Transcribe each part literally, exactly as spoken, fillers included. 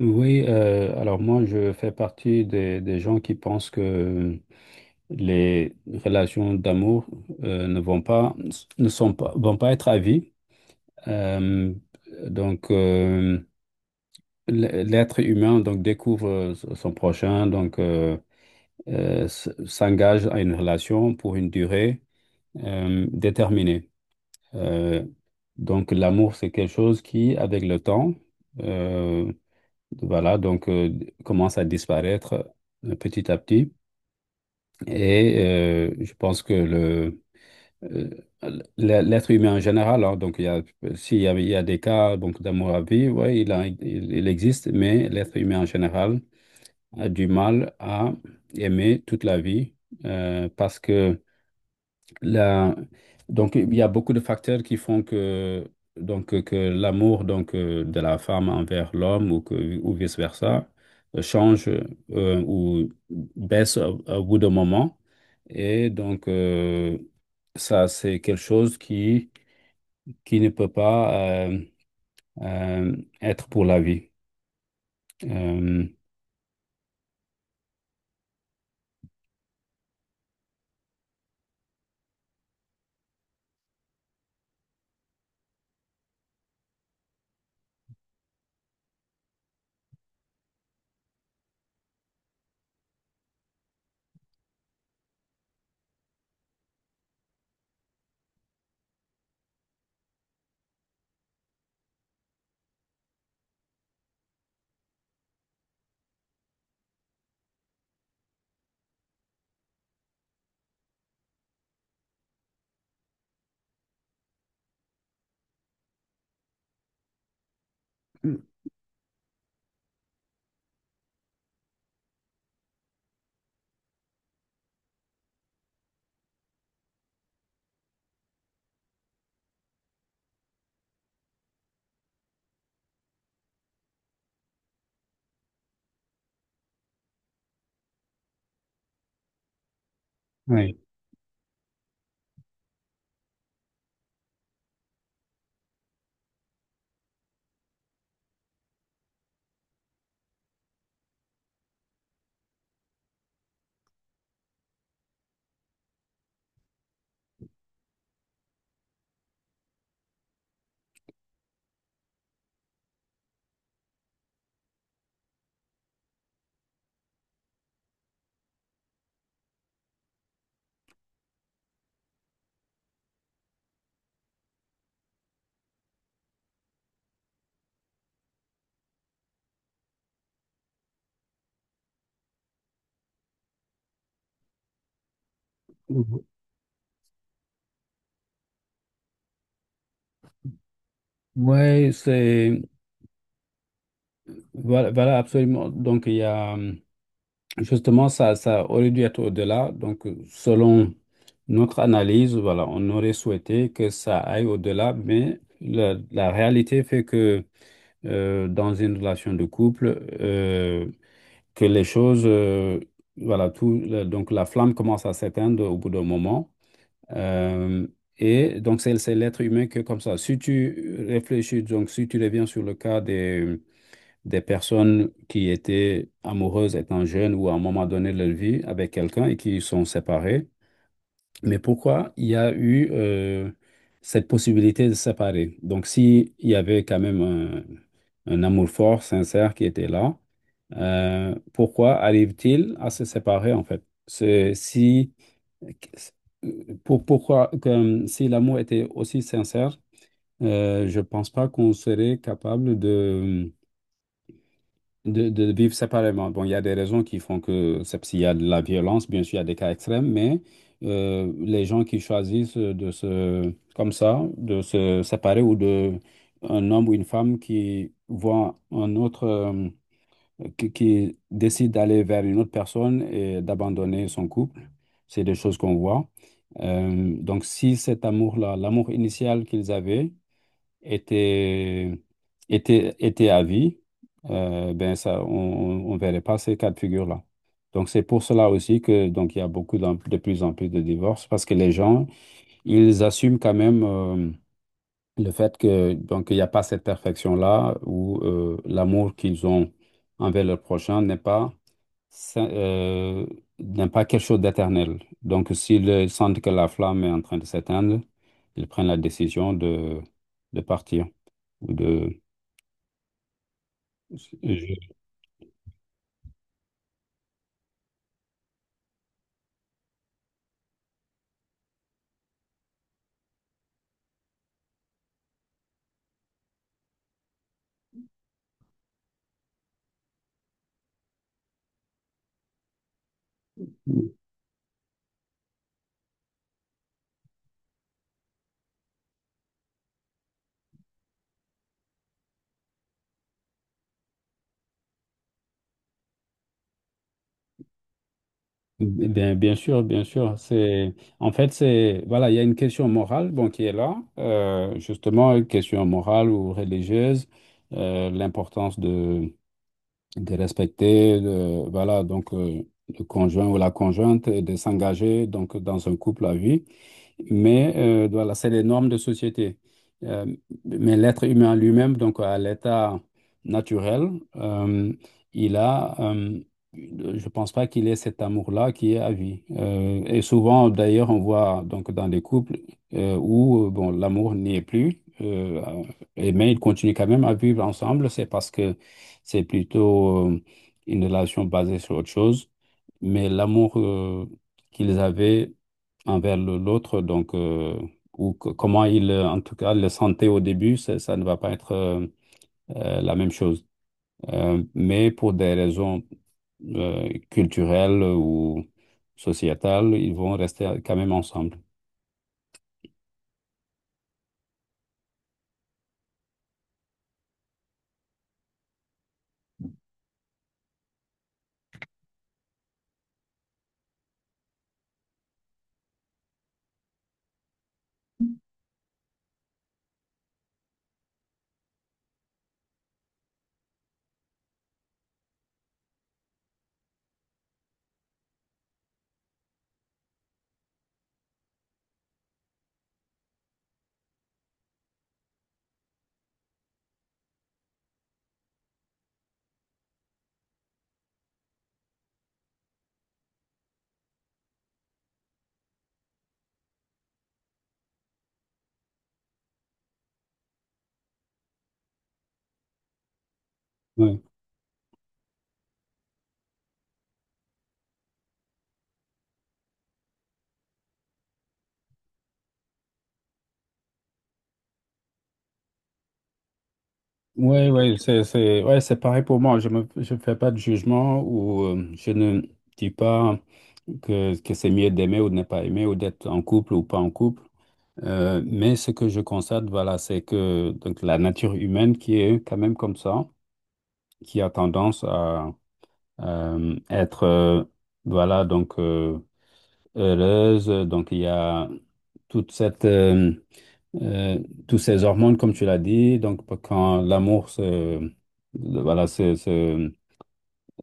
Oui, euh, alors moi je fais partie des, des gens qui pensent que les relations d'amour euh, ne vont pas, ne sont pas, vont pas être à vie. Euh, donc euh, l- l'être humain donc découvre euh, son prochain, donc euh, euh, s- s'engage à une relation pour une durée euh, déterminée. Euh, donc l'amour c'est quelque chose qui, avec le temps, euh, Voilà, donc euh, commence à disparaître euh, petit à petit. Et euh, je pense que le, euh, l'e- l'être humain en général, hein, donc il y a, s'il y a, il y a des cas donc d'amour à vie, ouais, il a- il, il existe, mais l'être humain en général a du mal à aimer toute la vie euh, parce que la- donc, il y a beaucoup de facteurs qui font que, donc, euh, que l'amour donc, euh, de la femme envers l'homme ou, que- ou vice-versa euh, change euh, ou baisse au, au bout d'un moment. Et donc, euh, ça, c'est quelque chose qui, qui ne peut pas euh, euh, être pour la vie. Euh, oui. Oui, c'est... Voilà, voilà, absolument. Donc, il y a... Justement, ça, ça aurait dû être au-delà. Donc, euh, selon notre analyse, voilà, on aurait souhaité que ça aille au-delà, mais la, la réalité fait que euh, dans une relation de couple, euh, que les choses, euh, voilà, tout, le- donc la flamme commence à s'éteindre au bout d'un moment. Euh, et donc, c'est c'est l'être humain que comme ça. Si tu réfléchis, donc si tu reviens sur le cas des personnes qui étaient amoureuses étant jeunes ou à un moment donné de leur vie avec quelqu'un et qui sont séparées. Mais pourquoi il y a eu euh, cette possibilité de se séparer? Donc, s'il y avait quand même un, un amour fort, sincère qui était là, euh, pourquoi arrive-t-il à se séparer en fait? C'est- Si, pour, pourquoi, comme si l'amour était aussi sincère, euh, je ne pense pas qu'on serait capable de de, de vivre séparément. Bon, il y a des raisons qui font que c'est s'il y a de la violence, bien sûr, il y a des cas extrêmes, mais euh, les gens qui choisissent de se, comme ça, de se séparer ou de un homme ou une femme qui voit un autre, euh, qui, qui décide d'aller vers une autre personne et d'abandonner son couple, c'est des choses qu'on voit. Euh, donc, si cet amour-là, l'amour initial qu'ils avaient, était, était, était à vie, euh, ben ça, on ne verrait pas ces cas de figure-là. Donc c'est pour cela aussi que donc il y a beaucoup d'en- de plus en plus de divorces parce que les gens, ils assument quand même euh, le fait que donc il n'y a pas cette perfection-là où euh, l'amour qu'ils ont envers leur prochain n'est pas ça- euh, n'est pas quelque chose d'éternel. Donc s'ils sentent que la flamme est en train de s'éteindre, ils prennent la décision de, de partir ou de je- bien, bien sûr, bien sûr. C'est en fait c'est voilà, il y a une question morale bon qui est là, euh, justement une question morale ou religieuse, euh, l'importance de de respecter le, voilà, donc, euh, le conjoint ou la conjointe et de s'engager donc, dans un couple à vie. Mais euh, voilà, c'est les normes de société. Euh, mais l'être humain lui-même, donc à l'état naturel, euh, il a, euh, je pense pas qu'il ait cet amour-là qui est à vie. Euh, et souvent, d'ailleurs, on voit donc dans des couples euh, où euh, bon, l'amour n'y est plus, euh, et mais ils continuent quand même à vivre ensemble, c'est parce que c'est plutôt euh, une relation basée sur autre chose, mais l'amour euh, qu'ils avaient envers le- l'autre, donc, euh, ou que- comment ils, euh, en tout cas, le sentaient au début, ça, ça ne va pas être euh, euh, la même chose. Euh, mais pour des raisons euh, culturelles ou sociétales, ils vont rester quand même ensemble. Ouais, ouais, c'est, c'est, ouais, c'est pareil pour moi. Je me, je fais pas de jugement ou euh, je ne dis pas que, que c'est mieux d'aimer ou de ne pas aimer ou d'être en couple ou pas en couple. Euh, mais ce que je constate, voilà, c'est que donc la nature humaine qui est quand même comme ça, qui a tendance à euh, être, euh, voilà, donc euh, heureuse. Donc il y a toute cette euh, euh, tous ces hormones, comme tu l'as dit, donc p- quand l'amour se, le- voilà, se, se-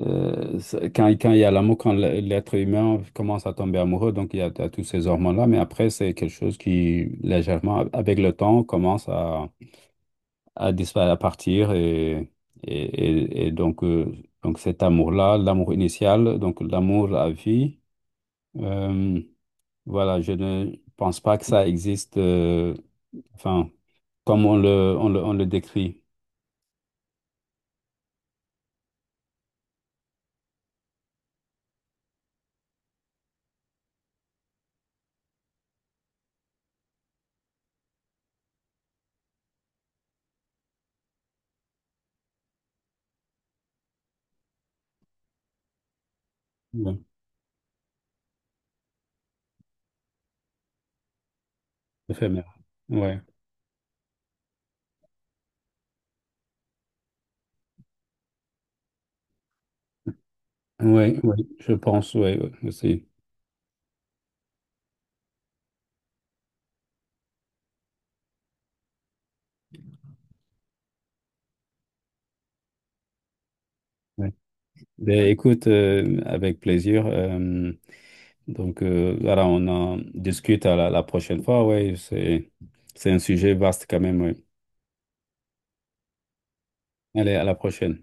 euh, se- quand, quand il y a l'amour, quand l- l'être humain commence à tomber amoureux, donc il y a, t- toutes ces hormones-là, mais après, c'est quelque chose qui, légèrement, a- avec le temps, commence à, à disparaître, à partir, et, et, et- et donc, euh, donc cet amour-là, l'amour initial, donc l'amour à vie, euh, voilà, je ne pense pas que ça existe, euh, enfin, comme on le, on le, on le décrit. Ouais. Éphémère. Ouais. Oui, oui, je pense, oui, aussi. Ouais. Ben, écoute, euh, avec plaisir. euh, donc, euh, voilà, on en discute à la, la prochaine fois. Ouais, c'est, c'est un sujet vaste quand même. Ouais. Allez, à la prochaine.